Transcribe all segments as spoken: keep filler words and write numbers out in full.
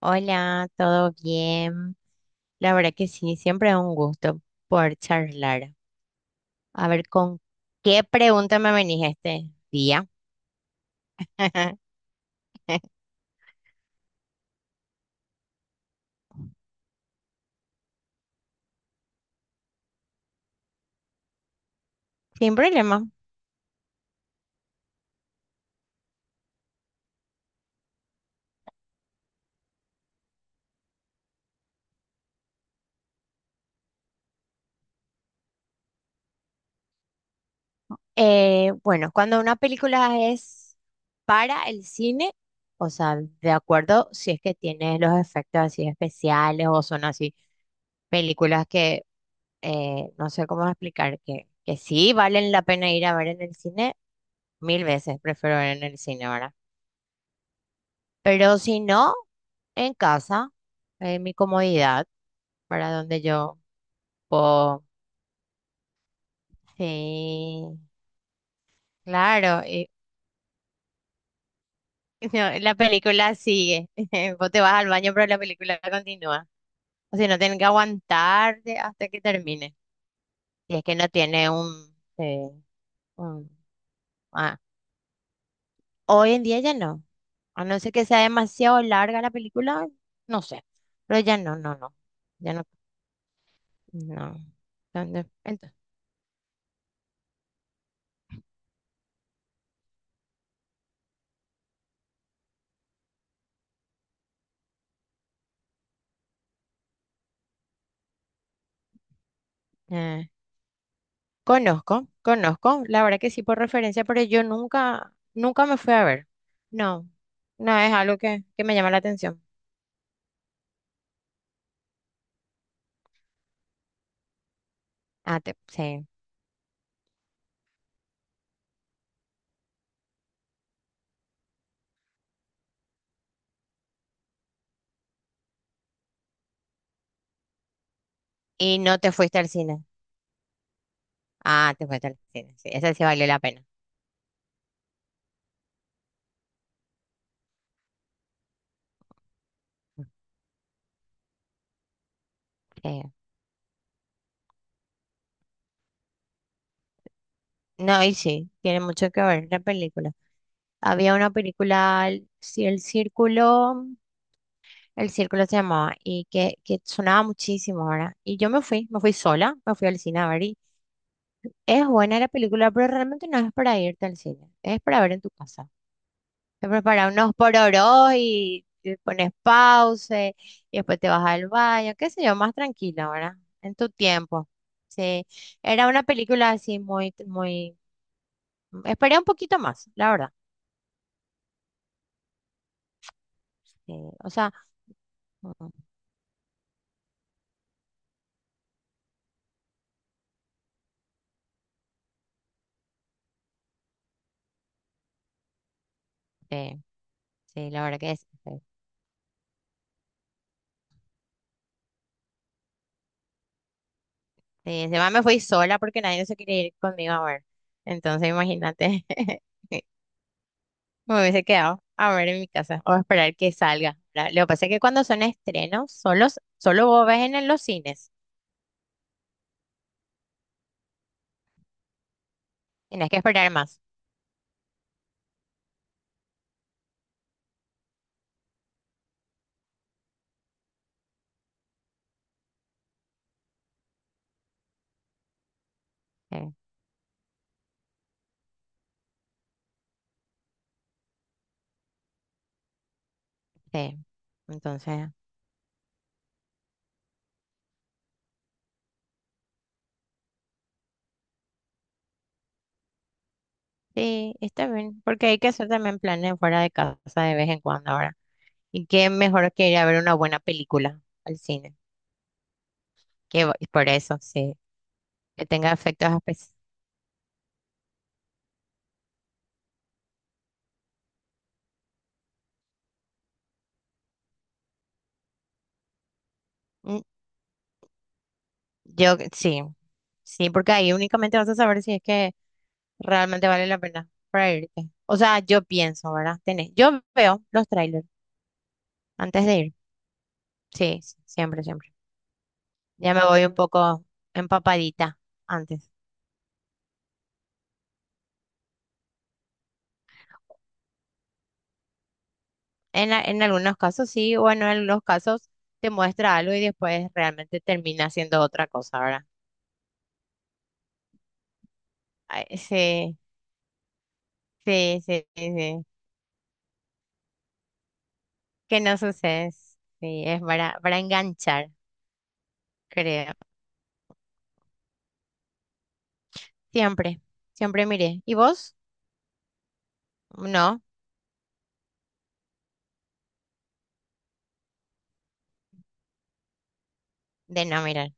Hola, ¿todo bien? La verdad que sí, siempre es un gusto poder charlar. A ver, ¿con qué pregunta me venís este día? Sin problema. Eh, bueno, cuando una película es para el cine, o sea, de acuerdo, si es que tiene los efectos así especiales o son así películas que eh, no sé cómo explicar, que, que sí valen la pena ir a ver en el cine, mil veces prefiero ver en el cine, ¿verdad? Pero si no, en casa, en mi comodidad, para donde yo puedo. Sí, claro. Y- no, la película sigue. Vos te vas al baño, pero la película continúa. O sea, no tienen que aguantarte hasta que termine. Y es que no tiene un, eh, un- ah, hoy en día ya no. A no ser que sea demasiado larga la película, no sé. Pero ya no, no, no. Ya no, no. Entonces, conozco, conozco, la verdad que sí por referencia, pero yo nunca, nunca me fui a ver. No, no es algo que, que me llama la atención. Ah, te- sí. ¿Y no te fuiste al cine? Ah, te fuiste al cine. Sí, esa sí valió la pena. Sí. No, y sí, tiene mucho que ver la película. Había una película, el- sí, El Círculo, El Círculo se llamaba, y que, que sonaba muchísimo ahora. Y yo me fui, me fui sola, me fui al cine a ver. Y es buena la película, pero realmente no es para irte al cine, es para ver en tu casa. Te preparas unos pororos y te pones pause y después te vas al baño, qué sé yo, más tranquila, ¿verdad? En tu tiempo. Sí, era una película así muy, muy... esperé un poquito más, la verdad. Sí, o sea, mm, sí, sí, la verdad que es. Sí, sí, encima me fui sola porque nadie se quería ir conmigo a ver. Entonces, imagínate, me hubiese quedado a ver en mi casa o a esperar que salga, ¿verdad? Lo que pasa es que cuando son estrenos, solos, solo vos ves en el- los cines. Tienes que esperar más. eh, sí. Entonces, sí, está bien, porque hay que hacer también planes fuera de casa de vez en cuando ahora. Y qué mejor que ir a ver una buena película al cine. Que va- y por eso, sí, que tenga efectos especiales. Yo, sí, sí, porque ahí únicamente vas a saber si es que realmente vale la pena para irte. O sea, yo pienso, ¿verdad? Tenés, yo veo los trailers antes de ir. Sí, sí, siempre, siempre. Ya me voy un poco empapadita antes. En, a- en algunos casos sí, o en algunos casos te muestra algo y después realmente termina siendo otra cosa, ¿verdad? Ay, sí, sí, sí, sí, sí. Que no sucede. Sí, es para, para enganchar, creo. Siempre, siempre miré. ¿Y vos? No, de no mirar.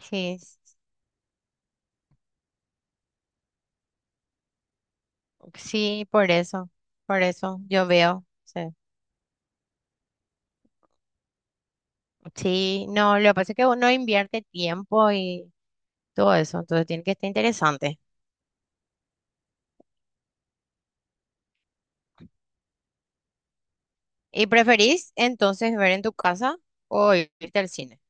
Sí, s- sí, por eso, por eso yo veo. Sí, sí, no, lo que pasa es que uno invierte tiempo y todo eso, entonces tiene que estar interesante. ¿Y preferís entonces ver en tu casa o irte al cine?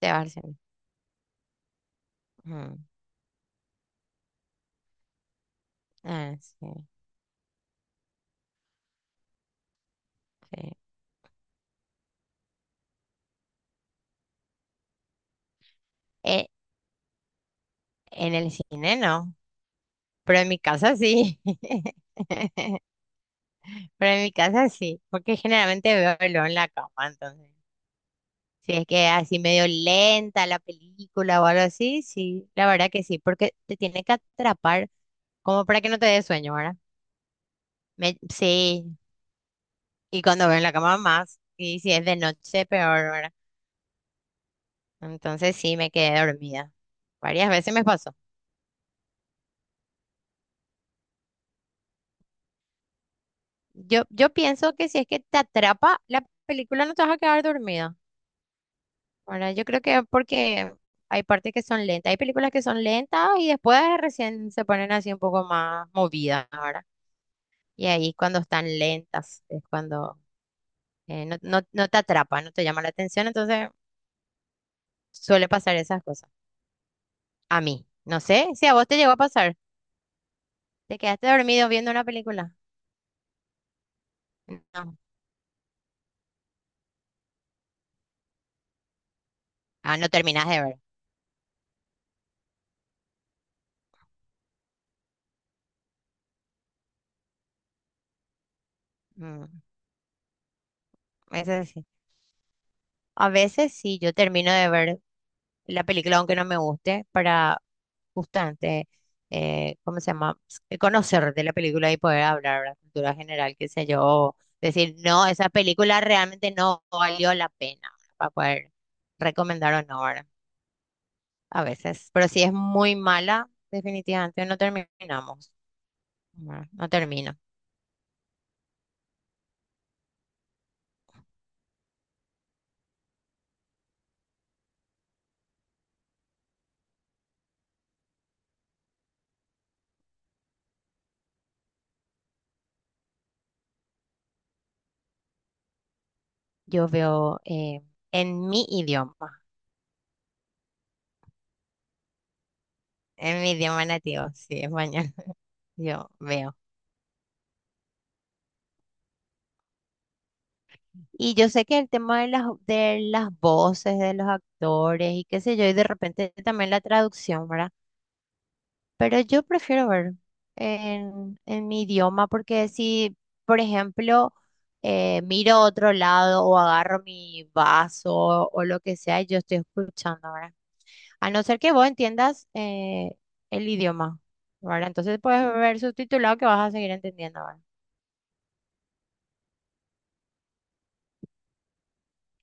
Te vas al cine. Ujú. Ah, sí, sí. Eh, en el cine no, pero en mi casa sí. Pero en mi casa sí, porque generalmente veo verlo en la cama, entonces. Si es que así medio lenta la película o algo así, sí, la verdad que sí, porque te tiene que atrapar como para que no te dé sueño, ¿verdad? Me- sí, y cuando veo en la cama más, y si es de noche, peor, ¿verdad? Entonces sí, me quedé dormida. Varias veces me pasó. Yo, yo pienso que si es que te atrapa la película no te vas a quedar dormida. Ahora, yo creo que porque hay partes que son lentas. Hay películas que son lentas y después recién se ponen así un poco más movidas. Ahora, y ahí cuando están lentas es cuando eh, no, no, no te atrapa, no te llama la atención. Entonces suele pasar esas cosas. A mí. No sé si a vos te llegó a pasar. ¿Te quedaste dormido viendo una película? No. Ah, no terminás de ver. Mm, Eso sí. A veces sí, yo termino de ver la película, aunque no me guste, para justamente, eh, ¿cómo se llama? Eh, Conocer de la película y poder hablar de la cultura general, qué sé yo, o decir, no, esa película realmente no valió la pena, ¿verdad? Para poder recomendar o no, ¿verdad? A veces, pero si es muy mala, definitivamente no terminamos, ¿verdad? No termino. Yo veo eh, en mi idioma, en mi idioma nativo, sí, español, yo veo. Y yo sé que el tema de las, de las voces de los actores y qué sé yo, y de repente también la traducción, ¿verdad? Pero yo prefiero ver en, en mi idioma porque si, por ejemplo, eh, miro a otro lado o agarro mi vaso o lo que sea, y yo estoy escuchando, ¿verdad? A no ser que vos entiendas eh, el idioma, ¿verdad? Entonces puedes ver subtitulado que vas a seguir entendiendo, ¿verdad?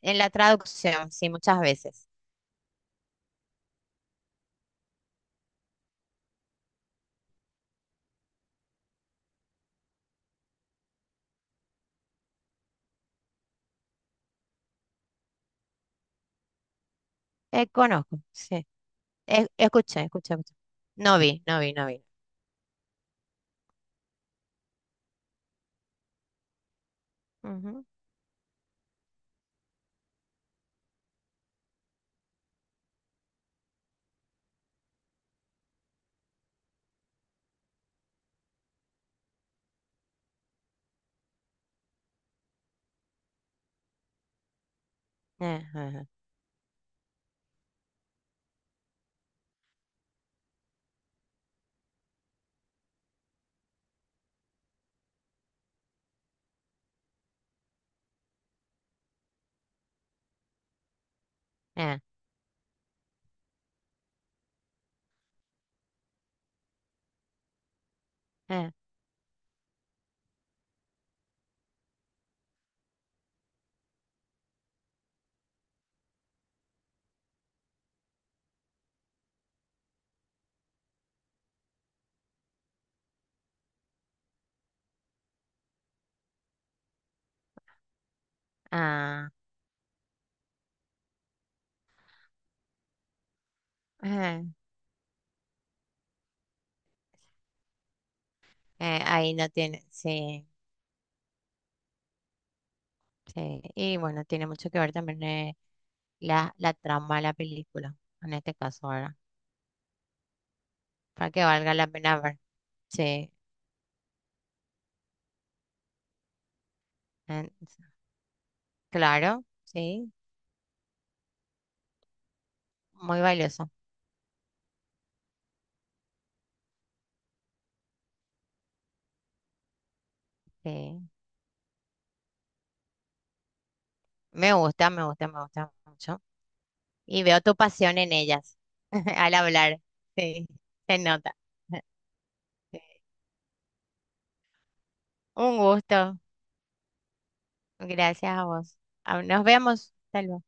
En la traducción, sí, muchas veces. Eh, conozco, sí. E- escucha, escucha, escucha. No vi, no vi, no vi. Ujú. Eh, ajá, eh, eh, ah, ajá. Eh, ahí no tiene, sí, sí. Y bueno, tiene mucho que ver también eh, la, la trama de la película, en este caso ahora, para que valga la pena ver. Sí, en- claro, sí, muy valioso. Sí. Me gusta, me gusta, me gusta mucho. Y veo tu pasión en ellas al hablar. Sí, se nota. Sí. Un gusto. Gracias a vos. Ah, nos vemos. Hasta luego.